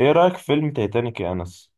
ايه رأيك في فيلم تايتانيك يا انس؟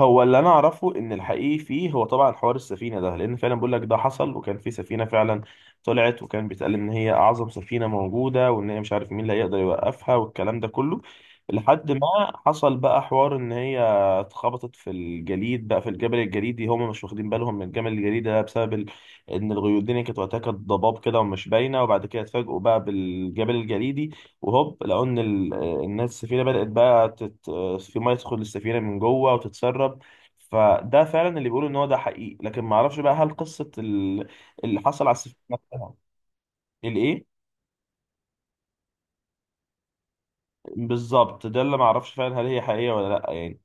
هو اللي انا اعرفه ان الحقيقي فيه هو طبعا حوار السفينة ده، لان فعلا بقول لك ده حصل وكان في سفينة فعلا طلعت، وكان بيتقال ان هي اعظم سفينة موجودة، وان هي مش عارف مين اللي هيقدر يوقفها والكلام ده كله. لحد ما حصل بقى حوار ان هي اتخبطت في الجليد، بقى في الجبل الجليدي، هم مش واخدين بالهم من الجبل الجليدي ده ان الغيوم الدنيا كانت وقتها، كانت ضباب كده ومش باينة، وبعد كده اتفاجئوا بقى بالجبل الجليدي، وهوب لقوا ان الناس السفينه بدات بقى في ميه تدخل السفينه من جوه وتتسرب. فده فعلا اللي بيقولوا ان هو ده حقيقي، لكن ما اعرفش بقى هل قصه اللي حصل على السفينه نفسها. الايه؟ بالظبط، ده اللي ما اعرفش فعلا، هل هي حقيقيه ولا لا؟ يعني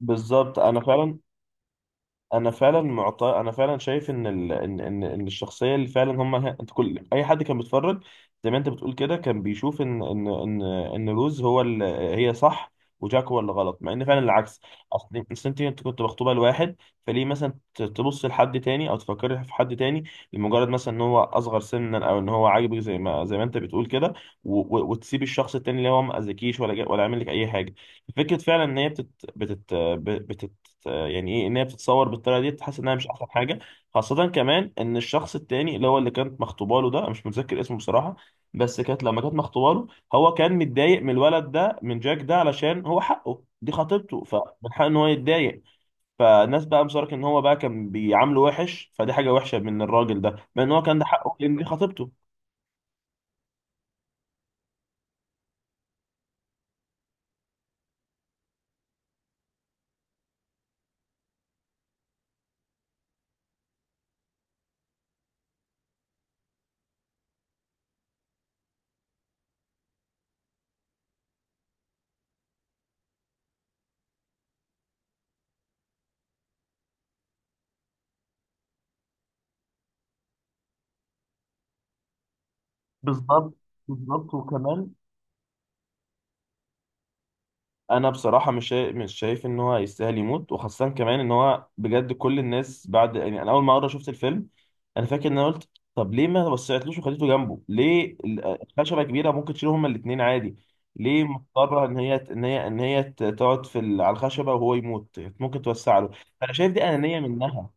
بالظبط. انا فعلا شايف ان الشخصيه اللي فعلا انت كل اي حد كان بيتفرج زي ما انت بتقول كده، كان بيشوف ان روز هي صح، وجاك هو اللي غلط، مع ان فعلا العكس. أصل انت كنت مخطوبه لواحد، فليه مثلا تبص لحد تاني او تفكري في حد تاني؟ لمجرد مثلا ان هو اصغر سنا، او ان هو عاجبك، زي ما انت بتقول كده. و... و... وتسيب الشخص التاني اللي هو ما اذكيش ولا عامل لك اي حاجه. فكره فعلا ان هي بتت... بتت... يعني ايه ان هي بتتصور بالطريقه دي؟ تحس انها مش احسن حاجه. خاصه كمان ان الشخص التاني اللي هو اللي كانت مخطوبه له ده، أنا مش متذكر اسمه بصراحه، بس كانت لما كانت مخطوبه له، هو كان متضايق من الولد ده، من جاك ده، علشان هو حقه، دي خطيبته، فمن حقه ان هو يتضايق. فالناس بقى مصارك ان هو بقى كان بيعامله وحش، فدي حاجه وحشه من الراجل ده، مع ان هو كان ده حقه، لان دي خطيبته. بالظبط. بالظبط وكمان، انا بصراحه مش شايف ان هو يستاهل يموت، وخاصه كمان ان هو بجد كل الناس بعد، يعني انا اول ما مره شفت الفيلم، انا فاكر ان انا قلت، طب ليه ما وسعتلوش وخليته جنبه؟ ليه الخشبه كبيره، ممكن تشيلهم هما الاثنين عادي. ليه مضطره ان هي تقعد على الخشبه وهو يموت؟ ممكن توسع له. انا شايف دي انانيه منها.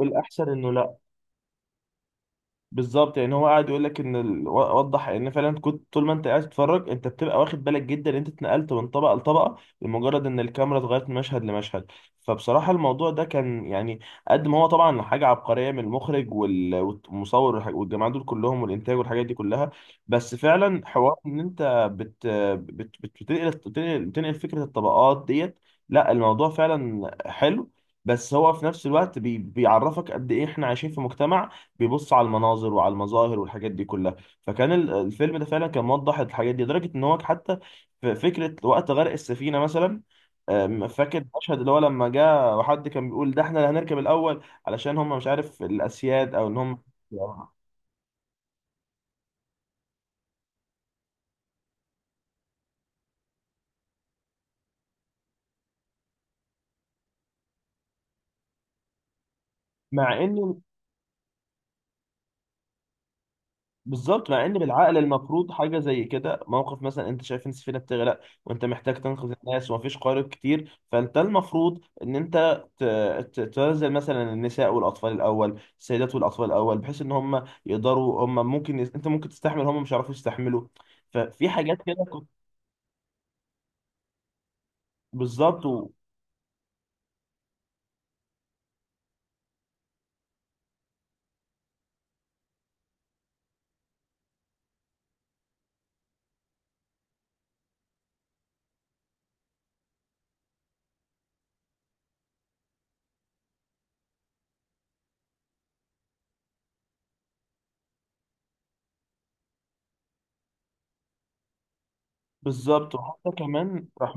الاحسن انه لا. بالظبط، يعني هو قاعد يقول لك وضح ان فعلا، كنت طول ما انت قاعد تتفرج انت بتبقى واخد بالك جدا ان انت اتنقلت من طبقه لطبقه، لمجرد ان الكاميرا اتغيرت من مشهد لمشهد. فبصراحه الموضوع ده كان يعني قد ما هو طبعا حاجه عبقريه من المخرج والمصور والجماعه دول كلهم والانتاج والحاجات دي كلها، بس فعلا حوار ان انت بتنقل فكره الطبقات ديت. لا الموضوع فعلا حلو، بس هو في نفس الوقت بيعرفك قد ايه احنا عايشين في مجتمع بيبص على المناظر وعلى المظاهر والحاجات دي كلها. فكان الفيلم ده فعلا كان موضح الحاجات دي، لدرجة ان هو حتى في فكرة وقت غرق السفينة مثلا، فاكر المشهد اللي هو لما جاء وحد كان بيقول ده احنا اللي هنركب الاول، علشان هم مش عارف الاسياد او ان هم مع ان. بالظبط. مع ان بالعقل المفروض حاجه زي كده، موقف مثلا انت شايف ان السفينه بتغرق وانت محتاج تنقذ الناس ومفيش قارب كتير، فانت المفروض ان انت تنزل مثلا النساء والاطفال الاول، السيدات والاطفال الاول، بحيث ان هم يقدروا، هم ممكن انت ممكن تستحمل، هم مش هيعرفوا يستحملوا. ففي حاجات كده كنت بالظبط بالظبط. وحتى كمان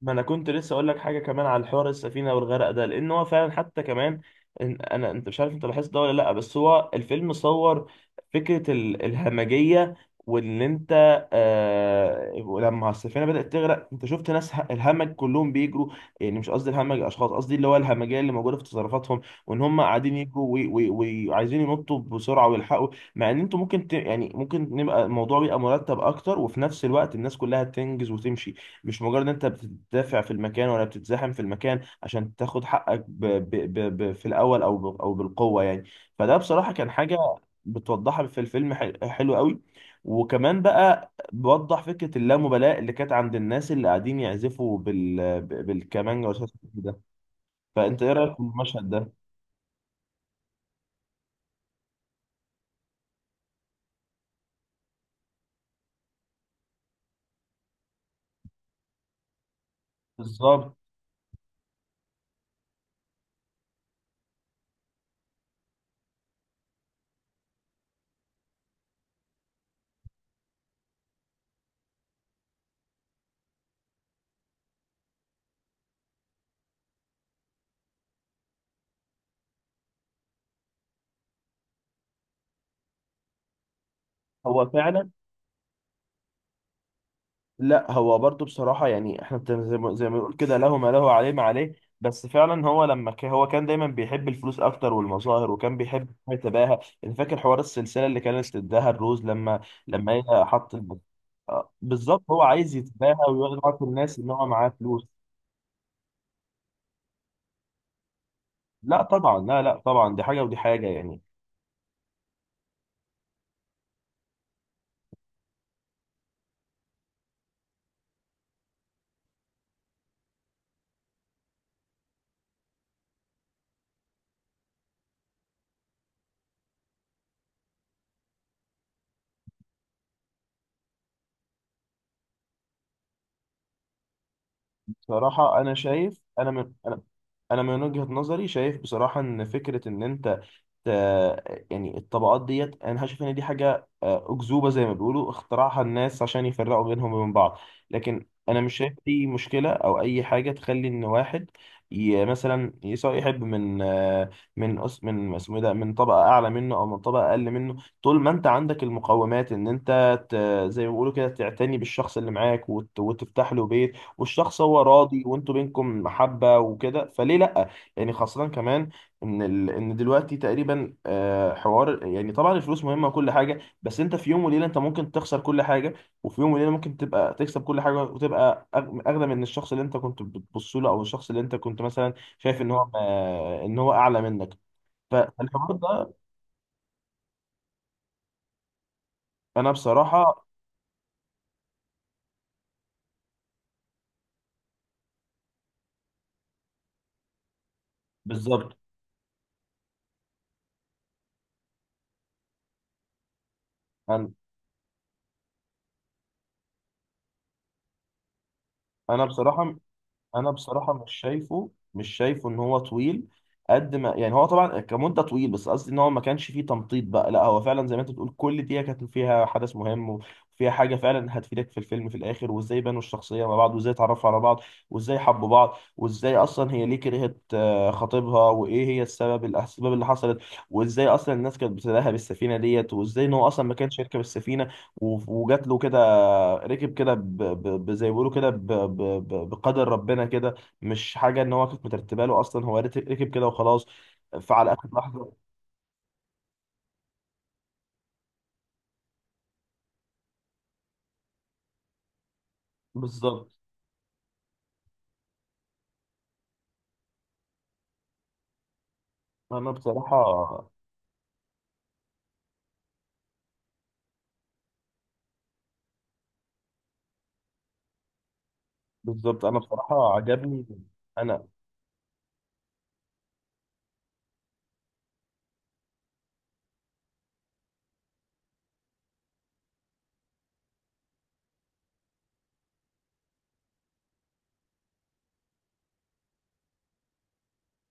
ما انا كنت لسه اقول لك حاجه كمان على الحوار السفينه والغرق ده، لان هو فعلا حتى كمان انا، انت مش عارف انت لاحظت ده ولا لا؟ بس هو الفيلم صور فكره الهمجيه وان انت، آه، لما السفينه بدات تغرق انت شفت ناس الهمج كلهم بيجروا. يعني مش قصدي الهمج اشخاص، قصدي اللي هو الهمجيه اللي موجوده في تصرفاتهم، وان هم قاعدين يجروا وي- وي- وعايزين ينطوا بسرعه ويلحقوا. مع ان انتوا ممكن يعني ممكن نبقى، الموضوع بيبقى مرتب اكتر، وفي نفس الوقت الناس كلها تنجز وتمشي. مش مجرد ان انت بتدافع في المكان ولا بتتزاحم في المكان عشان تاخد حقك في الاول، او بالقوه يعني. فده بصراحه كان حاجه بتوضحها في الفيلم حلو قوي. وكمان بقى بوضح فكره اللامبالاه اللي كانت عند الناس اللي قاعدين يعزفوا بالكمانجا والشاشه ده. فانت ايه رايك في المشهد ده؟ بالظبط. هو فعلا، لا هو برضو بصراحة يعني احنا زي ما بنقول كده، له ما له عليه ما عليه. بس فعلا هو هو كان دايما بيحب الفلوس اكتر والمظاهر، وكان بيحب يتباهى. يعني فاكر حوار السلسلة اللي كانت تداها الروز لما، لما هي آه، بالظبط، هو عايز يتباهى ويقعد الناس ان هو معاه فلوس. لا طبعا، لا طبعا، دي حاجة ودي حاجة يعني. بصراحة انا شايف، انا من وجهة نظري شايف بصراحة ان فكرة ان انت، آه، يعني الطبقات ديت، انا شايف ان دي حاجه، آه، اكذوبه زي ما بيقولوا، اخترعها الناس عشان يفرقوا بينهم وبين بعض. لكن انا مش شايف اي مشكله او اي حاجه تخلي ان واحد، مثلا سواء يحب من، آه، من اسمه إيه ده، من طبقه اعلى منه او من طبقه اقل منه، طول ما انت عندك المقومات ان انت زي ما بيقولوا كده تعتني بالشخص اللي معاك وتفتح له بيت، والشخص هو راضي وانتوا بينكم محبه وكده، فليه لا؟ يعني خاصه كمان ان دلوقتي تقريبا، آه، حوار يعني طبعا الفلوس مهمه وكل حاجه، بس انت في يوم وليله انت ممكن تخسر كل حاجه، وفي يوم وليله ممكن تبقى تكسب كل حاجه، وتبقى اغنى من الشخص اللي انت كنت بتبص له، او الشخص اللي انت كنت مثلا شايف ان هو، آه، ان هو اعلى منك. فالحوار ده، انا بصراحه، بالظبط. انا، انا بصراحه، مش شايفه ان هو طويل. قد ما يعني هو طبعا كمده طويل، بس قصدي ان هو ما كانش فيه تمطيط بقى، لا هو فعلا زي ما انت بتقول كل دقيقه كانت فيها حدث مهم وفيها حاجه فعلا هتفيدك في الفيلم في الاخر، وازاي بنوا الشخصيه مع بعض، وازاي اتعرفوا على بعض، وازاي حبوا بعض، وازاي اصلا هي ليه كرهت، آه، خطيبها، وايه هي الاسباب اللي حصلت، وازاي اصلا الناس كانت بتداها بالسفينه ديت، وازاي ان هو اصلا ما كانش يركب السفينه، وجات له كده، ركب كده، زي ما بيقولوا كده، بقدر ربنا كده، مش حاجه ان هو كانت مترتبه له اصلا، هو ركب كده وخلاص. فعلى اخر لحظه بالظبط. انا بصراحه بالظبط. انا بصراحه عجبني انا.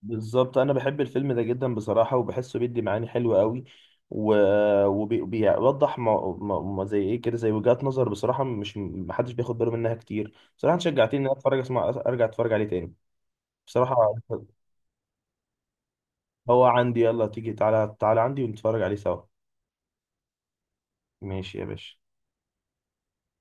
بالظبط، انا بحب الفيلم ده جدا بصراحه، وبحسه بيدي معاني حلوه قوي، وبيوضح ما ما ما زي ايه كده، زي وجهات نظر بصراحه مش محدش بياخد باله منها كتير. بصراحه أنت شجعتني ان انا اتفرج، اسمع، ارجع اتفرج عليه تاني بصراحه. هو عندي، يلا تيجي، تعالى، تعالى عندي ونتفرج عليه سوا. ماشي يا باشا.